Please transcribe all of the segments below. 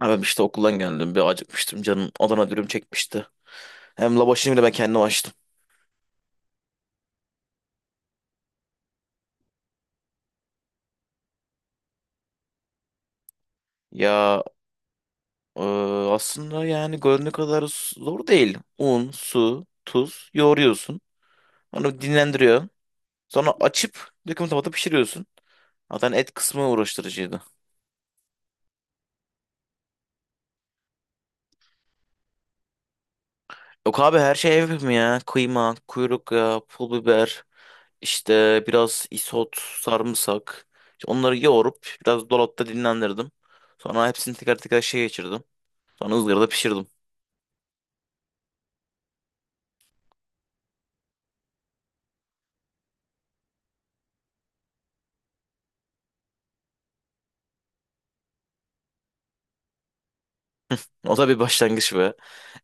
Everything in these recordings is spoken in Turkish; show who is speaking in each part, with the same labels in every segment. Speaker 1: Abi işte okuldan geldim. Bir acıkmıştım. Canım Adana dürüm çekmişti. Hem lavaşını bile ben kendim açtım. Ya e, aslında yani göründüğü kadar zor değil. Un, su, tuz yoğuruyorsun. Onu dinlendiriyorsun. Sonra açıp döküm tavada pişiriyorsun. Zaten et kısmı uğraştırıcıydı. Yok abi her şey ev mi ya? Kıyma, kuyruk yağı, pul biber, işte biraz isot, sarımsak. İşte onları yoğurup biraz dolapta dinlendirdim. Sonra hepsini teker teker şey geçirdim. Sonra ızgarada pişirdim. O da bir başlangıç be.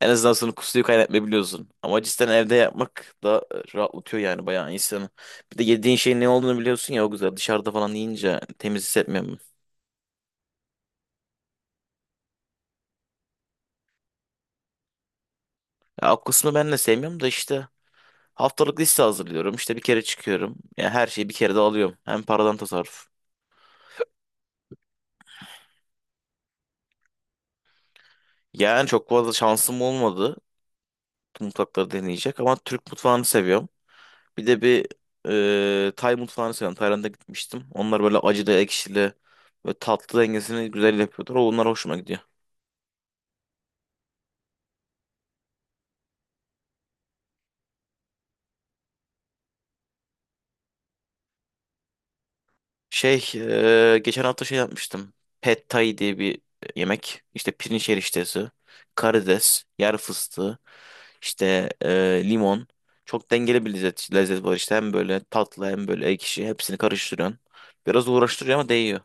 Speaker 1: En azından sonra kusuyu kaynatmayabiliyorsun. Ama cidden evde yapmak da rahatlatıyor yani bayağı insanı. Bir de yediğin şeyin ne olduğunu biliyorsun ya o güzel. Dışarıda falan yiyince temiz hissetmiyorum. Ya, o kısmı ben de sevmiyorum da işte haftalık liste hazırlıyorum. İşte bir kere çıkıyorum. Ya her şeyi bir kere de alıyorum. Hem paradan tasarruf. Yani çok fazla şansım olmadı. Mutfakları deneyecek ama Türk mutfağını seviyorum. Bir de Tay mutfağını seviyorum. Tayland'a gitmiştim. Onlar böyle acılı, ekşili ve tatlı dengesini güzel yapıyorlar. Onlar hoşuma gidiyor. Şey, geçen hafta şey yapmıştım. Pad Thai diye bir yemek. İşte pirinç eriştesi, karides, yer fıstığı, işte limon. Çok dengeli bir lezzet var işte. Hem böyle tatlı hem böyle ekşi. Hepsini karıştırıyorsun. Biraz uğraştırıyor ama değiyor.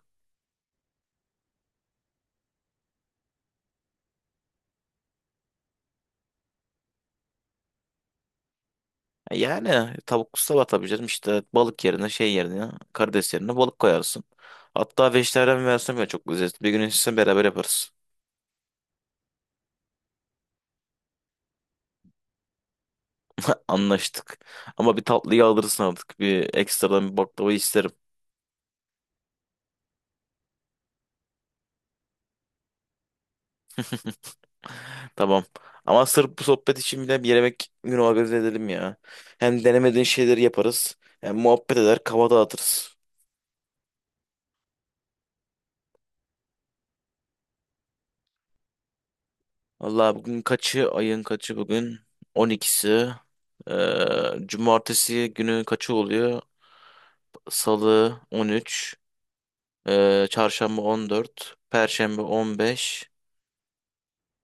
Speaker 1: Yani tavuk sabah tabii canım işte balık yerine şey yerine karides yerine balık koyarsın. Hatta vejetaryen versiyon ya çok lezzetli. Bir gün sizinle beraber yaparız. Anlaştık. Ama bir tatlıyı alırsın artık. Bir ekstradan bir baklava isterim. Tamam. Ama sırf bu sohbet için bile bir yemek günü organize edelim ya. Hem denemediğin şeyleri yaparız. Hem muhabbet eder, kafa dağıtırız. Vallahi bugün kaçı? Ayın kaçı bugün? 12'si. Cumartesi günü kaçı oluyor? Salı 13, Çarşamba 14, Perşembe 15,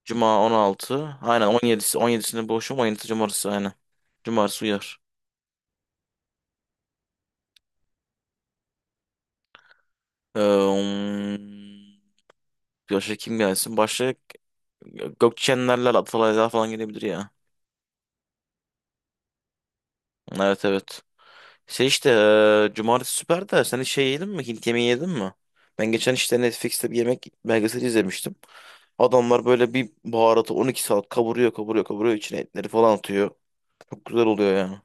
Speaker 1: Cuma 16. Aynen 17'si, on 17'sinde boşum, 17'si Cumartesi aynen. Cumartesi uyar. Ee, um, başka kim gelsin? Başka Gökçenlerler Atalaylar falan gelebilir ya. Evet evet. İşte Cumartesi süper de sen hiç şey yedin mi? Hint yemeği yedin mi? Ben geçen işte Netflix'te bir yemek belgeseli izlemiştim. Adamlar böyle bir baharatı 12 saat kavuruyor kavuruyor kavuruyor içine etleri falan atıyor. Çok güzel oluyor ya.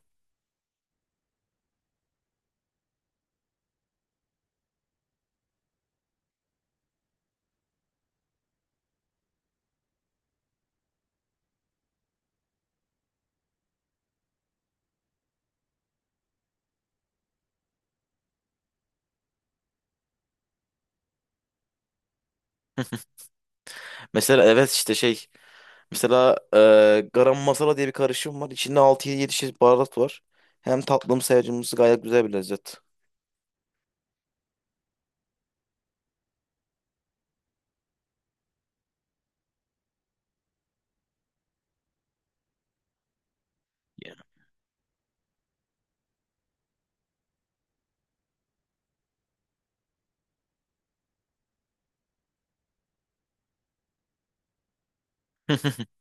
Speaker 1: Mesela evet işte. Mesela garam masala diye bir karışım var. İçinde 6 yedi çeşit baharat var. Hem tatlımsı hem acımsı gayet güzel bir lezzet. Ya.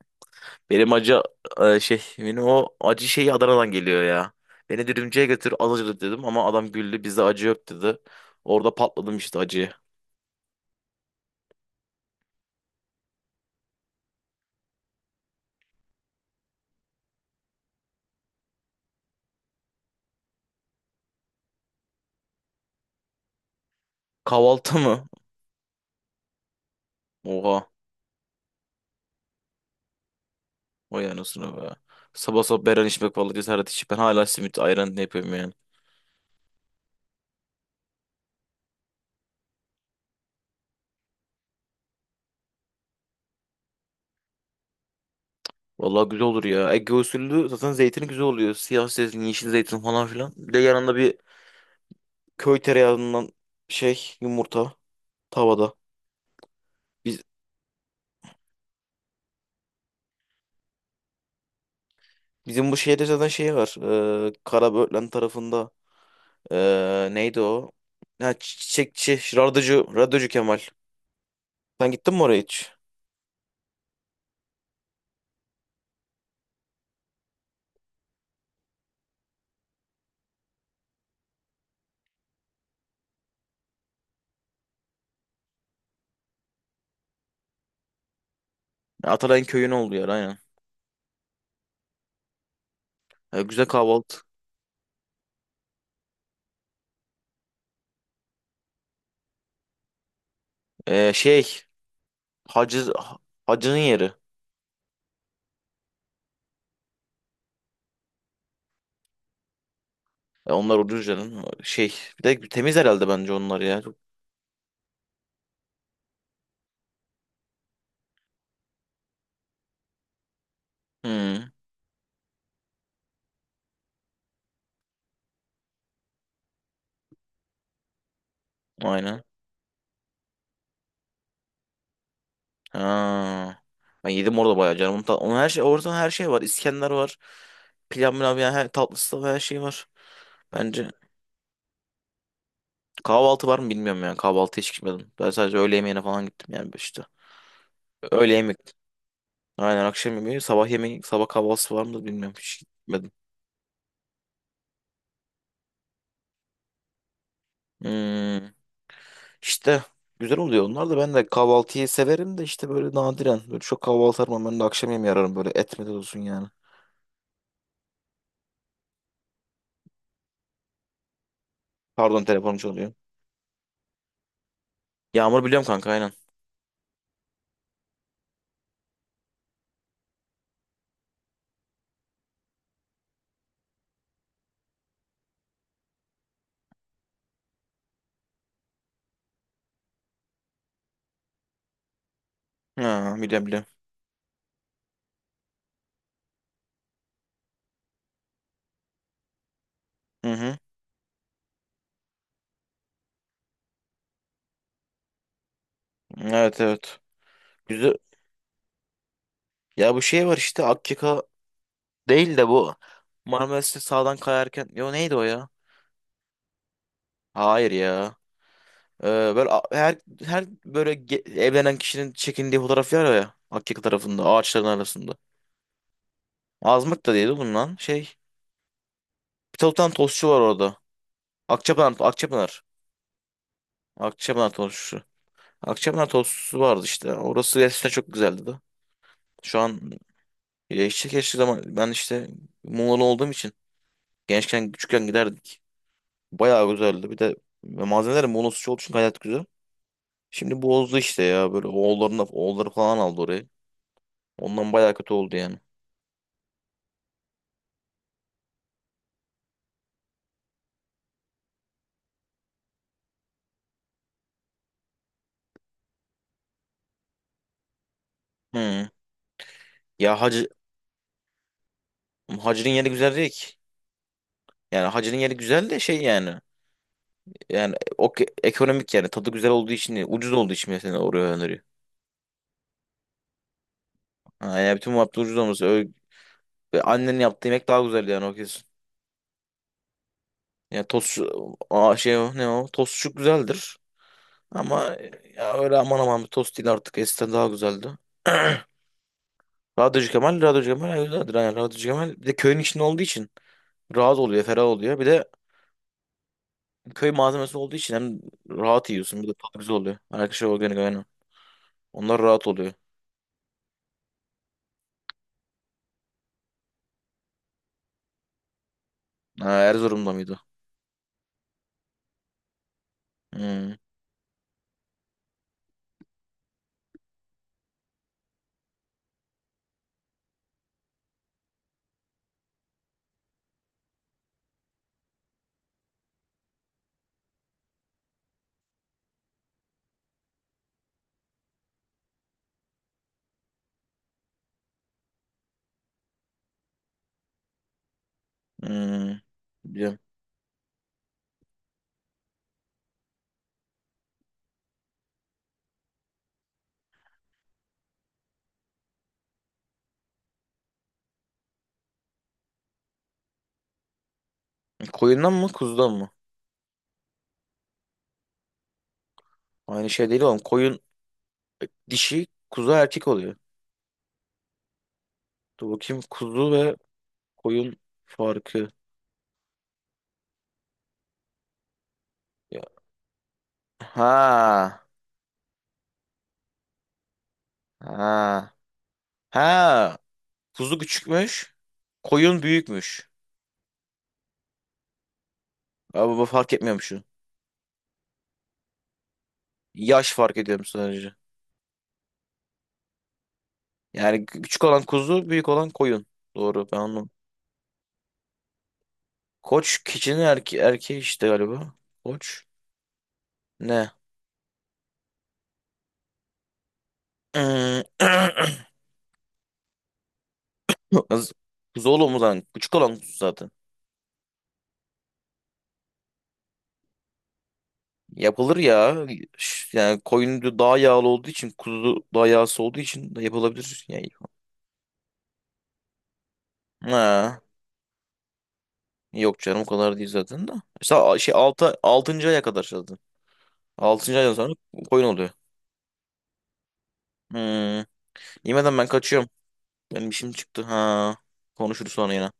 Speaker 1: Benim acı benim o acı şeyi Adana'dan geliyor ya. Beni dürümcüye götür az acılı dedim ama adam güldü bizde acı yok dedi. Orada patladım işte acıya. Kahvaltı mı? Oha. O anasını be. Sabah sabah beren içmek vallahi cesaret içip ben hala simit ayran ne yapıyorum yani. Vallahi güzel olur ya. Ege usulü zaten zeytini güzel oluyor. Siyah zeytin, yeşil zeytin falan filan. Bir de yanında bir köy tereyağından şey yumurta tavada. Biz, bizim bu şehirde zaten şey var. Karaböğlen tarafında. Neydi o? Ha, çiçekçi, Radyocu Kemal. Sen gittin mi oraya hiç? Atalay'ın köyün olduğu yer aynen. Güzel kahvaltı. Ee, şey, hacı, hacının yeri. Onlar Ucuzca'nın. Bir de temiz herhalde bence onlar ya. Hmm, aynen. Ha. Ben yedim orada bayağı canım. Onun her şey, orada her şey var. İskender var. Pilav milav yani her tatlısı da her şey var. Bence kahvaltı var mı bilmiyorum yani. Kahvaltı hiç gitmedim. Ben sadece öğle yemeğine falan gittim yani işte. Öğle yemek. Aynen akşam yemeği, sabah yemeği, sabah kahvaltısı var mı da bilmiyorum. Hiç gitmedim. Hmm. İşte güzel oluyor onlar da ben de kahvaltıyı severim de işte böyle nadiren. Böyle çok kahvaltı aramam ben de akşam yemeği ararım böyle etmede olsun yani. Pardon telefonum çalıyor. Yağmur biliyorum kanka aynen. Ha, biliyorum biliyorum. Hı hı. Evet evet. Güzel. Ya bu şey var işte Akyaka değil de bu. Marmaris'te sağdan kayarken. Yo neydi o ya? Hayır ya. Ee, böyle her böyle evlenen kişinin çekindiği fotoğraf var ya Akyaka tarafında ağaçların arasında. Azmık da değildi bunun lan. Bir tane tostçu var orada. Akçapınar, Akçapınar. Akçapınar tostçusu. Akçapınar tostçusu vardı işte. Orası gerçekten çok güzeldi de. Şu an işte keşke zaman ben işte Muğla'lı olduğum için gençken küçükken giderdik. Bayağı güzeldi. Bir de malzemelerin monosu olduğu için gayet güzel. Şimdi bozdu işte ya böyle oğulları falan aldı orayı. Ondan bayağı kötü oldu yani. Hı. Ya Hacı'nın yeri güzel değil ki. Yani Hacı'nın yeri güzel de yani. Yani o ekonomik yani tadı güzel olduğu için ucuz olduğu için mesela oraya öneriyor. Ha, yani bütün muhabbet ucuz olması. Öyle, annenin yaptığı yemek daha güzel yani o kesin. Ya tost aa, şey o, ne o tostçuk güzeldir. Ama ya öyle aman aman bir tost değil artık eskiden daha güzeldi. Radyocu Kemal, Radyocu Kemal, ay, Radyocu Kemal. Bir de köyün içinde olduğu için rahat oluyor, ferah oluyor. Bir de köy malzemesi olduğu için hem rahat yiyorsun, bir de tadı güzel oluyor. Arkadaşlar organik aynen. Onlar rahat oluyor. Ha, Erzurum'da mıydı? Hmm, hmm. Biliyorum. Koyundan mı, kuzudan mı? Aynı şey değil oğlum. Koyun dişi, kuzu erkek oluyor. Dur bakayım kuzu ve koyun farkı. Ya- Ha, ha, ha. Kuzu küçükmüş, koyun büyükmüş. Abi bu fark etmiyormuş. Yaş fark ediyorum sadece. Yani küçük olan kuzu, büyük olan koyun. Doğru ben onu. Koç keçinin erkeği işte galiba. Koç ne? Az- Kuzu oğlum lan. Küçük olan kuzu zaten. Yapılır ya. Yani koyun da daha yağlı olduğu için kuzu daha yağsız olduğu için de yapılabilir. Yani. Ha. Yok canım o kadar değil zaten de. İşte altıncı aya kadar zaten. Altıncı aydan sonra koyun oluyor. Hmm. Yemeden ben kaçıyorum. Benim işim çıktı. Ha. Konuşuruz sonra yine.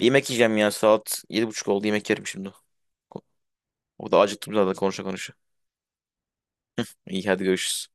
Speaker 1: Bir yemek yiyeceğim ya. Saat 7:30 oldu. Yemek yerim şimdi. Ko- O da acıktım zaten konuşa konuşa. İyi hadi görüşürüz.